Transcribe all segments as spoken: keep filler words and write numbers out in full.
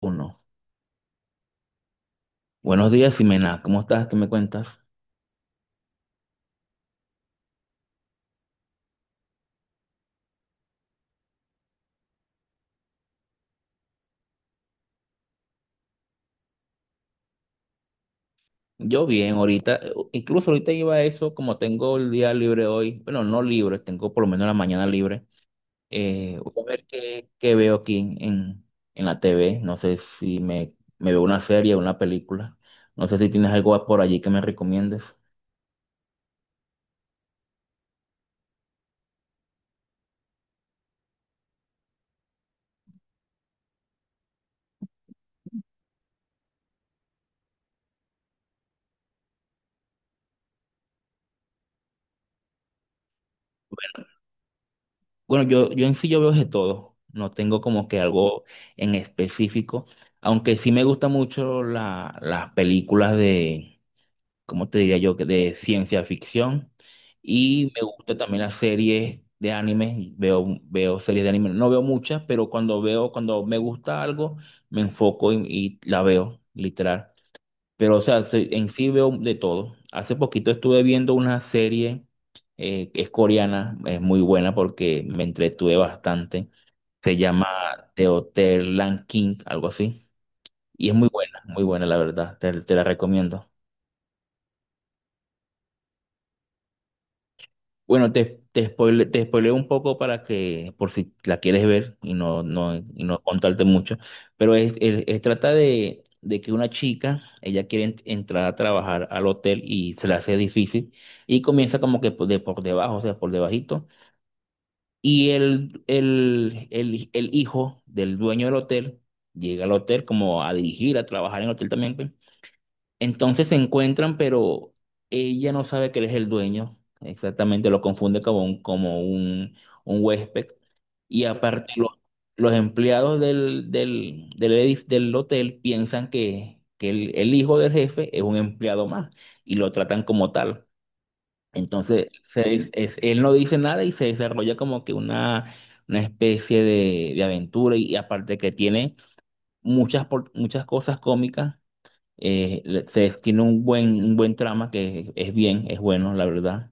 Uno. Buenos días, Ximena. ¿Cómo estás? ¿Qué me cuentas? Yo bien, ahorita, eh, incluso ahorita iba a eso, como tengo el día libre hoy, bueno, no libre, tengo por lo menos la mañana libre. Eh, voy a ver qué, qué veo aquí en, en la T V. No sé si me, me veo una serie o una película. No sé si tienes algo por allí que me recomiendes. Bueno, yo, yo en sí yo veo de todo. No tengo como que algo en específico, aunque sí me gustan mucho la- las películas de, como te diría yo, que de ciencia ficción. Y me gusta también las series de anime. Veo, veo series de anime. No veo muchas, pero cuando veo, cuando me gusta algo, me enfoco y, y la veo, literal. Pero, o sea, se- en sí veo de todo. Hace poquito estuve viendo una serie, eh, que es coreana, es muy buena porque me entretuve bastante. Se llama The Hotel Lan King, algo así. Y es muy buena, muy buena, la verdad. te te la recomiendo. Bueno, te, te spoile- te spoileo un poco para que, por si la quieres ver y no, no, y no contarte mucho, pero es, es- es- trata de, de que una chica, ella quiere ent- entrar a trabajar al hotel y se le hace difícil, y comienza como que por, de, por debajo, o sea, por debajito, y el, el, el, el hijo del dueño del hotel llega al hotel como a dirigir, a trabajar en el hotel también, pues, entonces se encuentran, pero ella no sabe que él es el dueño. Exactamente, lo confunde como un, como un, un huésped. Y aparte, los, los empleados del, del, del, edif- del hotel piensan que, que el, el hijo del jefe es un empleado más y lo tratan como tal. Entonces, se des- es- él no dice nada y se desarrolla como que una, una especie de, de aventura y, y aparte que tiene muchas, por- muchas cosas cómicas, eh, le- se- tiene un buen, un buen trama que es, es bien, es bueno, la verdad.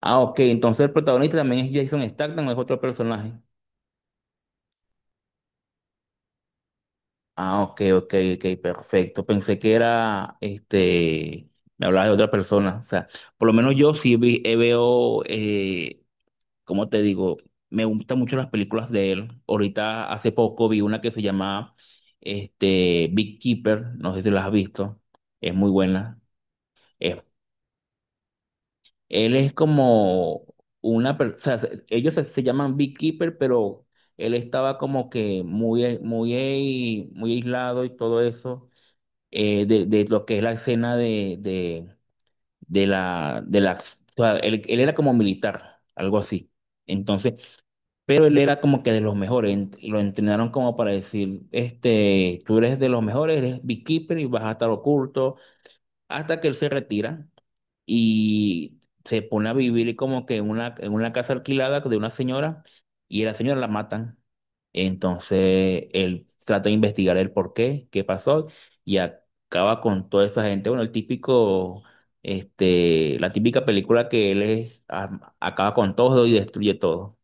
Ah, ok, entonces el protagonista también es Jason Statham, ¿o es otro personaje? Ah, ok, ok, ok, perfecto. Pensé que era, este, me hablabas de otra persona. O sea, por lo menos yo sí vi- eh, veo, eh, ¿cómo te digo? Me gustan mucho las películas de él. Ahorita, hace poco, vi una que se llama, este, Keeper, no sé si la has visto. Es muy buena. Él es como una persona, ellos se, se llaman Beekeeper, pero él estaba como que muy, eh, muy, eh, muy aislado y todo eso, eh, de, de lo que es la escena de, de, de la, de la, o sea, él, él era como militar, algo así. Entonces, pero él era como que de los mejores, ent- lo entrenaron como para decir, este, tú eres de los mejores, eres Beekeeper y vas a estar oculto hasta que él se retira y se pone a vivir como que en una, en una casa alquilada de una señora, y a la señora la matan. Entonces él trata de investigar el por qué, qué pasó, y acaba con toda esa gente. Bueno, el típico, este, la típica película que él es, a- acaba con todo y destruye todo.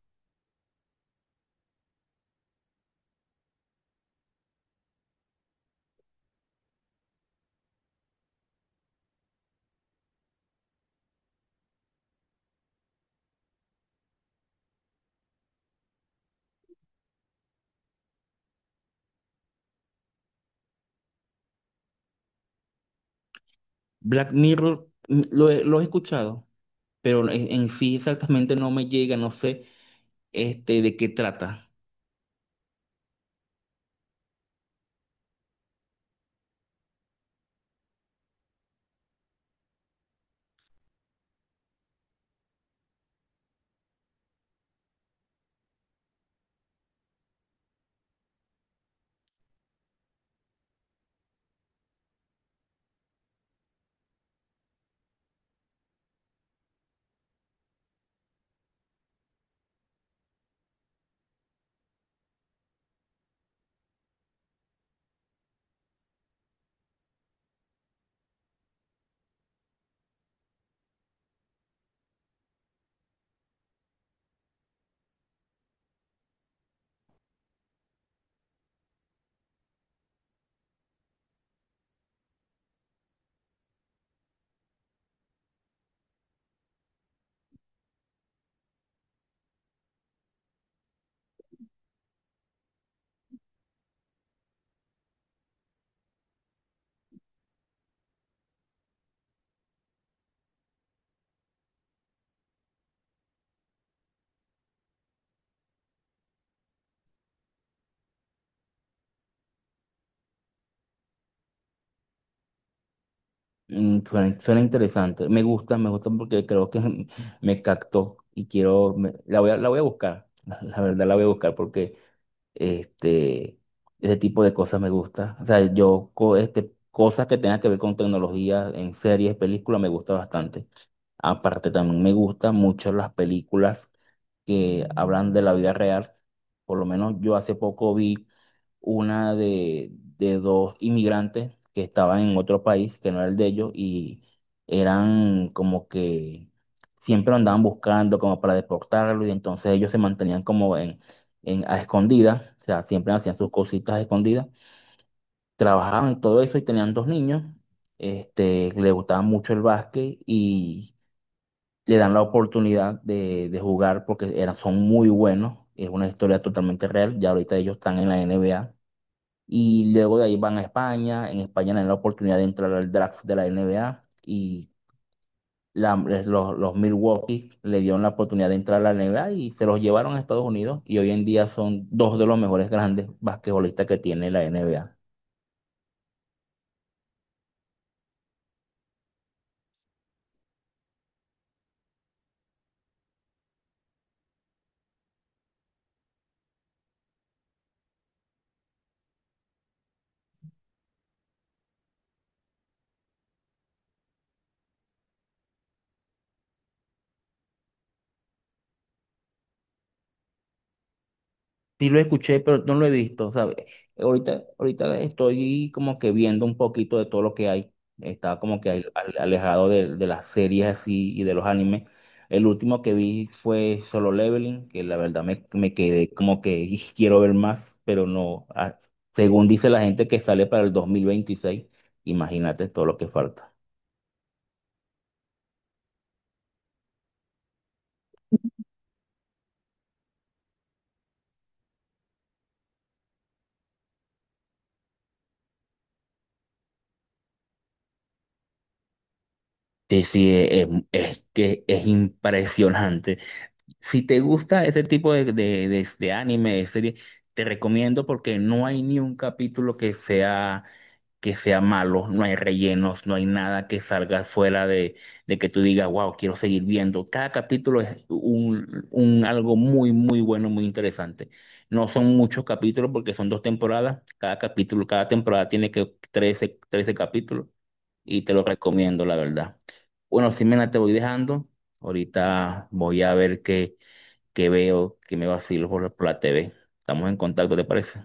Black Mirror, mm, lo, he lo he escuchado, pero en, en sí exactamente no me llega, no sé, este, de qué trata. Mm, Suena, suena interesante. Me gusta, me gusta porque creo que me captó y quiero, me- la voy a, la voy a buscar. La, la verdad la voy a buscar porque este, ese tipo de cosas me gusta. O sea, yo, co- este, cosas que tengan que ver con tecnología en series, películas, me gusta bastante. Aparte, también me gustan mucho las películas que hablan de la vida real. Por lo menos yo hace poco vi una de, de dos inmigrantes que estaban en otro país que no era el de ellos, y eran como que siempre lo andaban buscando como para deportarlo, y entonces ellos se mantenían como en, en a escondidas, o sea, siempre hacían sus cositas a escondidas, trabajaban y todo eso, y tenían dos niños. Este, le gustaba mucho el básquet y le dan la oportunidad de, de jugar porque eran, son muy buenos. Es una historia totalmente real. Ya ahorita ellos están en la N B A. Y luego de ahí van a España. En España tienen la oportunidad de entrar al draft de la N B A. Y la- los, los Milwaukee le dieron la oportunidad de entrar a la N B A y se los llevaron a Estados Unidos. Y hoy en día son dos de los mejores grandes basquetbolistas que tiene la N B A. Sí, lo escuché, pero no lo he visto, ¿sabes? Ahorita, ahorita estoy como que viendo un poquito de todo lo que hay. Estaba como que al- al- alejado de, de las series así y de los animes. El último que vi fue Solo Leveling, que la verdad me, me quedé como que "Ih, quiero ver más, pero no". ah, Según dice la gente que sale para el dos mil veintiséis, imagínate todo lo que falta. Sí, sí, es, es que es impresionante. Si te gusta ese tipo de, de, de, de anime, de serie, te recomiendo porque no hay ni un capítulo que sea, que sea malo, no hay rellenos, no hay nada que salga fuera de, de que tú digas, wow, quiero seguir viendo. Cada capítulo es un, un algo muy, muy bueno, muy interesante. No son muchos capítulos porque son dos temporadas. Cada capítulo, cada temporada tiene que trece trece capítulos y te lo recomiendo, la verdad. Bueno, Simena, te voy dejando. Ahorita voy a ver qué que veo, que me vacilo por, la por la T V. Estamos en contacto, ¿te parece?